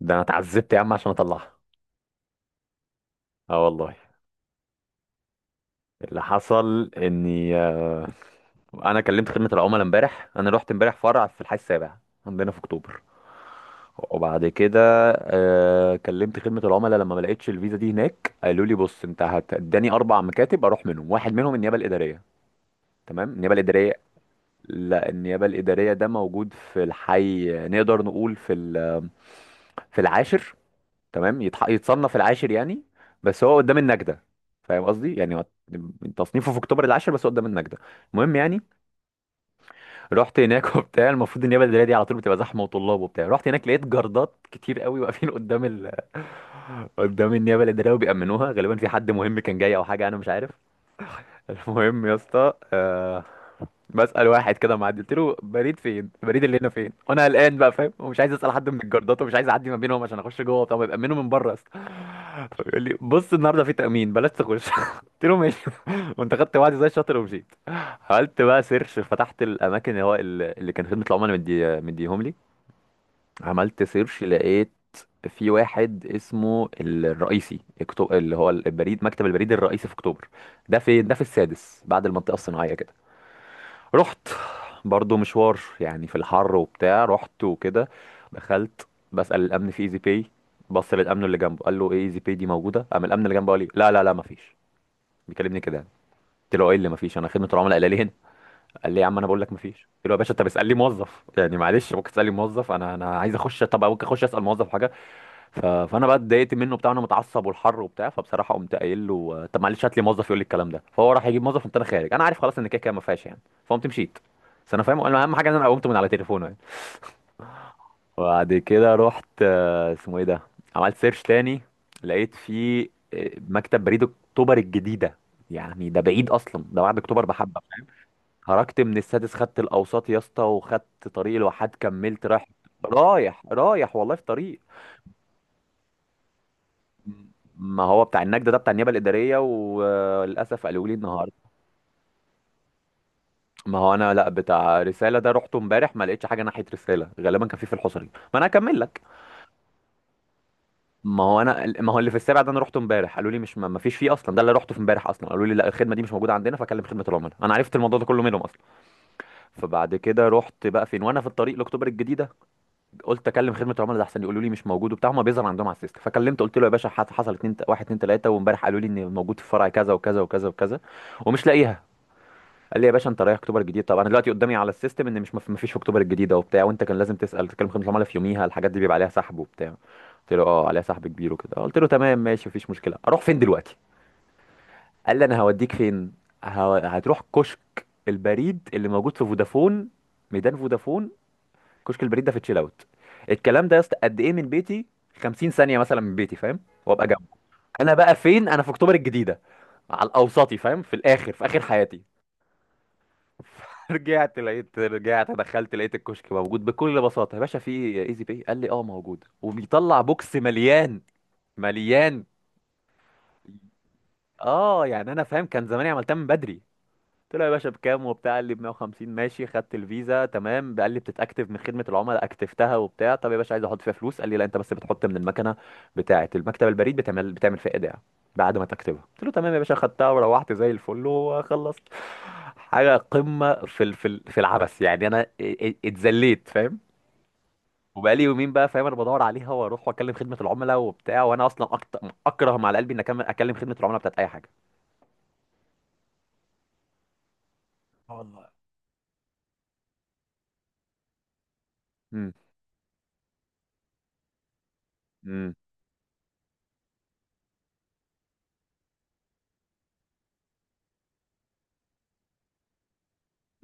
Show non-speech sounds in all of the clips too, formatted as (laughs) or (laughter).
ده انا اتعذبت يا عم عشان اطلعها. اه والله. اللي حصل اني انا كلمت خدمه العملاء امبارح، انا رحت امبارح فرع في الحي السابع عندنا في اكتوبر. وبعد كده كلمت خدمه العملاء لما ما لقيتش الفيزا دي هناك. قالوا لي: بص انت هتداني اربع مكاتب اروح منهم، واحد منهم النيابه الاداريه. تمام، النيابه الاداريه. لا، النيابه الاداريه ده موجود في الحي، نقدر نقول في في العاشر. تمام، يتصنف العاشر يعني، بس هو قدام النجدة. فاهم قصدي يعني هو تصنيفه في اكتوبر العاشر بس هو قدام النجدة. المهم يعني، رحت هناك (laughs) وبتاع. المفروض النيابة الإدارية دي على طول بتبقى زحمة وطلاب وبتاع. رحت هناك لقيت جردات كتير قوي واقفين قدام (laughs) قدام النيابة الإدارية، وبيأمنوها غالبا، في حد مهم كان جاي أو حاجة أنا مش عارف. المهم يا اسطى، بسأل واحد كده معدي قلت له: بريد فين؟ البريد اللي هنا فين؟ وانا قلقان بقى فاهم، ومش عايز اسال حد من الجردات ومش عايز اعدي ما بينهم عشان اخش جوه. طب يأمنوا من بره يا اسطى. فبيقول لي: بص النهارده في تأمين بلاش تخش. (laughs) قلت له ماشي. وانت خدت وعدي زي الشاطر ومشيت. عملت بقى سيرش، فتحت الاماكن اللي هو اللي كان خدمه العملاء مديهم لي. عملت سيرش لقيت في واحد اسمه الرئيسي، اللي هو البريد، مكتب البريد الرئيسي في اكتوبر. ده في ده في السادس بعد المنطقة الصناعية كده. رحت برضو مشوار يعني، في الحر وبتاع. رحت وكده، دخلت بسأل الأمن في ايزي باي. بص للأمن اللي جنبه قال له: ايه ايزي باي دي موجودة؟ قام الأمن اللي جنبه قال لي: لا لا لا مفيش. بيكلمني كده يعني. قلت له: ايه اللي مفيش؟ انا خدمة العملاء قال لي هنا. قال لي: يا عم انا بقول لك مفيش. قلت له: يا باشا انت بتسألني موظف؟ يعني معلش ممكن تسألني موظف، انا عايز اخش. طب ممكن اخش اسأل موظف حاجة؟ فانا بقى اتضايقت منه بتاع، انا متعصب والحر وبتاع. فبصراحه قمت قايل له: طب معلش هات لي موظف يقول لي الكلام ده. فهو راح يجيب موظف، قمت انا خارج. انا عارف خلاص ان كده كده ما فيهاش يعني. فقمت مشيت. بس انا فاهم اهم حاجه ان انا قمت من على تليفونه يعني. وبعد كده رحت، اسمه ايه ده، عملت سيرش تاني لقيت فيه مكتب بريد اكتوبر الجديده. يعني ده بعيد اصلا، ده بعد اكتوبر بحبه. خرجت من السادس، خدت الاوساط يا اسطى وخدت طريق الواحات، كملت رايح، رايح رايح والله في طريق. ما هو بتاع النجدة ده بتاع النيابة الإدارية، وللأسف قالوا لي النهاردة. ما هو أنا لا بتاع رسالة، ده رحته امبارح ما لقيتش حاجة ناحية رسالة، غالبا كان في الحصري. ما أنا هكمل لك. ما هو أنا، ما هو اللي في السابع ده أنا رحته امبارح، قالوا لي مش ما فيش فيه أصلا، ده اللي رحته في امبارح أصلا. قالوا لي: لا الخدمة دي مش موجودة عندنا، فكلم خدمة العملاء. أنا عرفت الموضوع ده كله منهم أصلا. فبعد كده رحت بقى فين، وأنا في الطريق لأكتوبر الجديدة قلت أكلم خدمة العملاء ده أحسن، يقولوا لي مش موجود وبتاع، هما بيظهر عندهم على السيستم. فكلمت قلت له: يا باشا حصل اتنين، واحد اتنين تلاتة، وامبارح قالوا لي إن موجود في فرع كذا وكذا وكذا وكذا، ومش لاقيها. قال لي: يا باشا انت رايح اكتوبر الجديد؟ طب انا دلوقتي قدامي على السيستم ان مش مفيش في اكتوبر الجديده وبتاع، وانت كان لازم تسال تكلم خدمه العملاء في يوميها، الحاجات دي بيبقى عليها سحب وبتاع. قلت له: اه عليها سحب كبير وكده. قلت له: تمام ماشي مفيش مشكله، اروح فين دلوقتي؟ قال لي: انا هوديك فين، هتروح كشك البريد اللي موجود في فودافون، ميدان فودافون، كشك البريد ده في تشيل اوت. الكلام ده يا اسطى قد ايه من بيتي؟ 50 ثانيه مثلا من بيتي، فاهم، وابقى جنبه. انا بقى فين؟ انا في اكتوبر الجديده على الاوسطي، فاهم، في الاخر في اخر حياتي. (laughs) رجعت لقيت، رجعت دخلت لقيت الكشك موجود بكل بساطه. يا باشا في ايزي باي؟ قال لي اه موجود، وبيطلع بوكس مليان، مليان. اه يعني انا فاهم كان زماني عملتها من بدري. قلت له: يا باشا بكام وبتاع؟ قال لي ب 150. ماشي، خدت الفيزا تمام. قال لي: بتتاكتف من خدمه العملاء. اكتفتها وبتاع. طب يا باشا عايز احط فيها فلوس. قال لي: لا انت بس بتحط من المكنه بتاعه المكتب البريد، بتعمل بتعمل فيها ايداع بعد ما تكتبها. قلت له: تمام يا باشا. خدتها وروحت زي الفل وخلصت. حاجه قمه في في العبث يعني. انا اتذليت فاهم. وبقالي يومين بقى فاهم انا بدور عليها، واروح واكلم خدمه العملاء وبتاع، وانا اصلا اكره ما على قلبي ان اكلم خدمه العملاء بتاعت اي حاجه. اه والله. امم.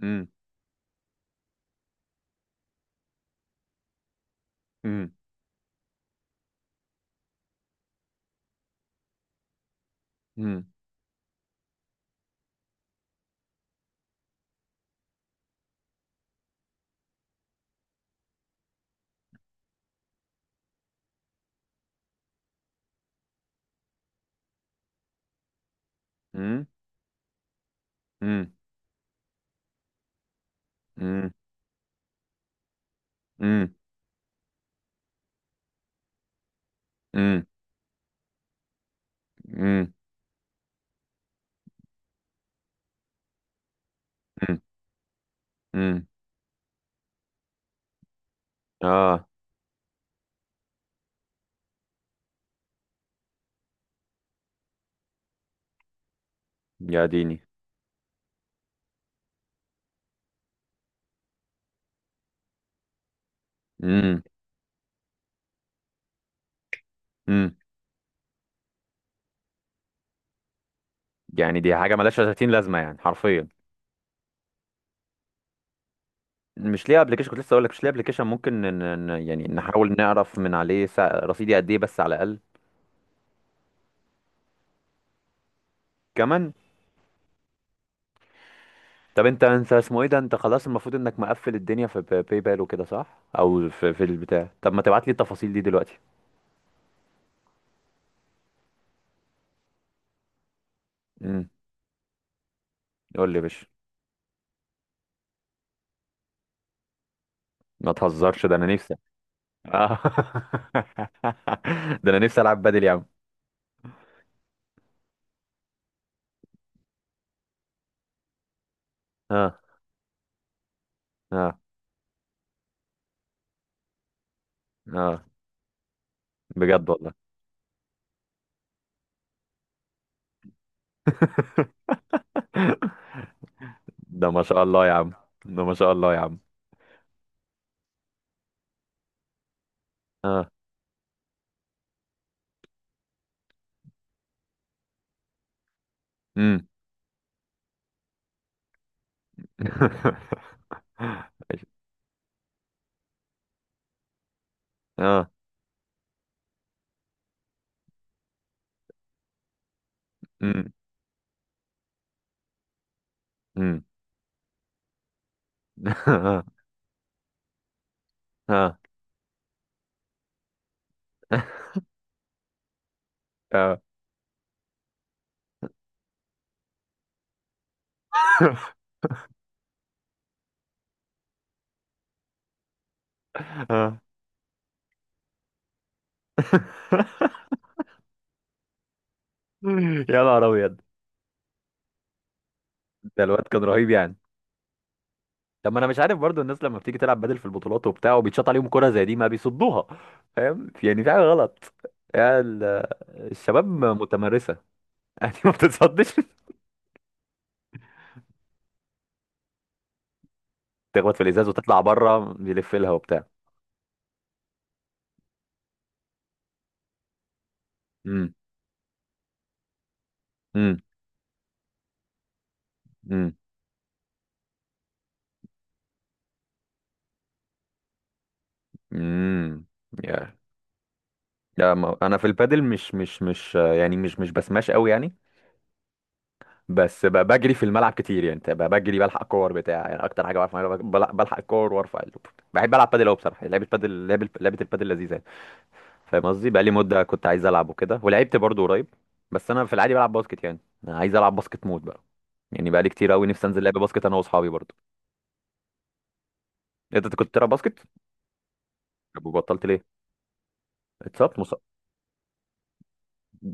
امم. امم. امم. امم. امم. امم. امم. امم. امم. امم. اه. يا ديني. امم. امم. يعني دي حاجه ملهاش 30 لازمه يعني حرفيا. مش ليه ابلكيشن؟ كنت لسه اقول لك مش ليه ابلكيشن، ممكن يعني نحاول نعرف من عليه رصيدي قد ايه بس على الاقل. كمان. طب انت اسمه ايه ده، انت خلاص المفروض انك مقفل الدنيا في باي باي بال وكده صح، او في البتاع؟ طب ما تبعت لي التفاصيل دي دلوقتي. امم. قول لي يا باشا. ما تهزرش ده انا نفسي. آه. (laughs) ده انا نفسي العب بدل يا عم. اه اه اه. بجد والله. (laughs) ده ما شاء الله يا عم. ده ما شاء الله يا عم. اه. امم. (laughs) اه. امم. امم. (laughs) اه. اه. اه. (laughs) آه. (laughs) يا نهار ابيض. ده الواد كان رهيب يعني. طب ما انا مش عارف برضو الناس لما بتيجي تلعب بدل في البطولات وبتاع وبيتشاط عليهم كرة زي دي ما بيصدوها؟ فاهم يعني في حاجة غلط، يعني الشباب متمرسة. (laughs) يعني ما بتتصدش. تخبط في الازاز وتطلع بره بيلف لها وبتاع. امم. امم. امم. امم. يا، لا، ما انا في البادل مش يعني مش بسماش قوي يعني. بس بجري في الملعب كتير يعني، بتبقى بجري بلحق كور بتاع يعني، اكتر حاجه بعرف اعملها بلحق الكور وارفع بحب العب بادل قوي بصراحه. لعبه بادل لعبه لعبه البادل لذيذه يعني. فاهم قصدي بقالي مده كنت عايز العب وكده، ولعبت برضو قريب. بس انا في العادي بلعب باسكت، يعني أنا عايز العب باسكت مود بقى. يعني بقالي كتير قوي نفسي انزل لعب باسكت انا واصحابي برضو. انت كنت بتلعب باسكت؟ طب وبطلت ليه؟ اتصبت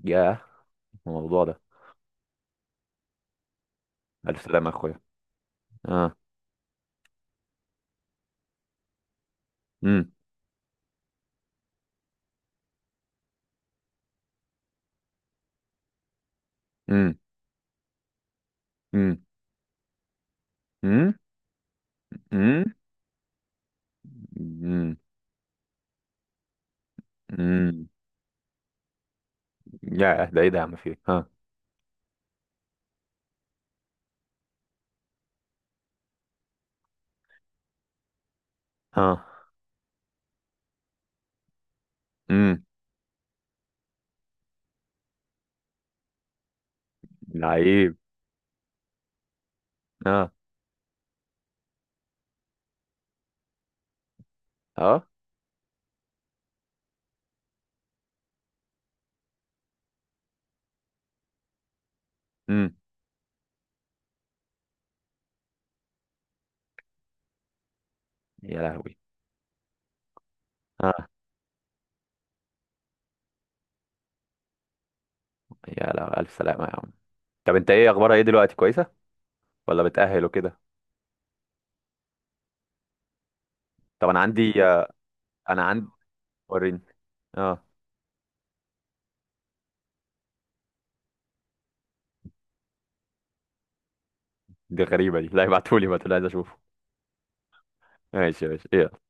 ياه الموضوع ده. الف سلامه يا اخويا. اه. امم. امم. امم. امم. امم. امم. امم. ياه ده ايه ده يا عم فيه؟ ها. ها. امم. لعيب. اه. اه. امم. يا لهوي. اه. يا لهوي الف سلامه يا عم. طب انت ايه اخبارها ايه دلوقتي كويسه ولا بتأهل وكده؟ طب انا عندي. وريني. اه. دي غريبة دي، لا ابعتولي بقى عايز اشوفه. ماشي ماشي ايه.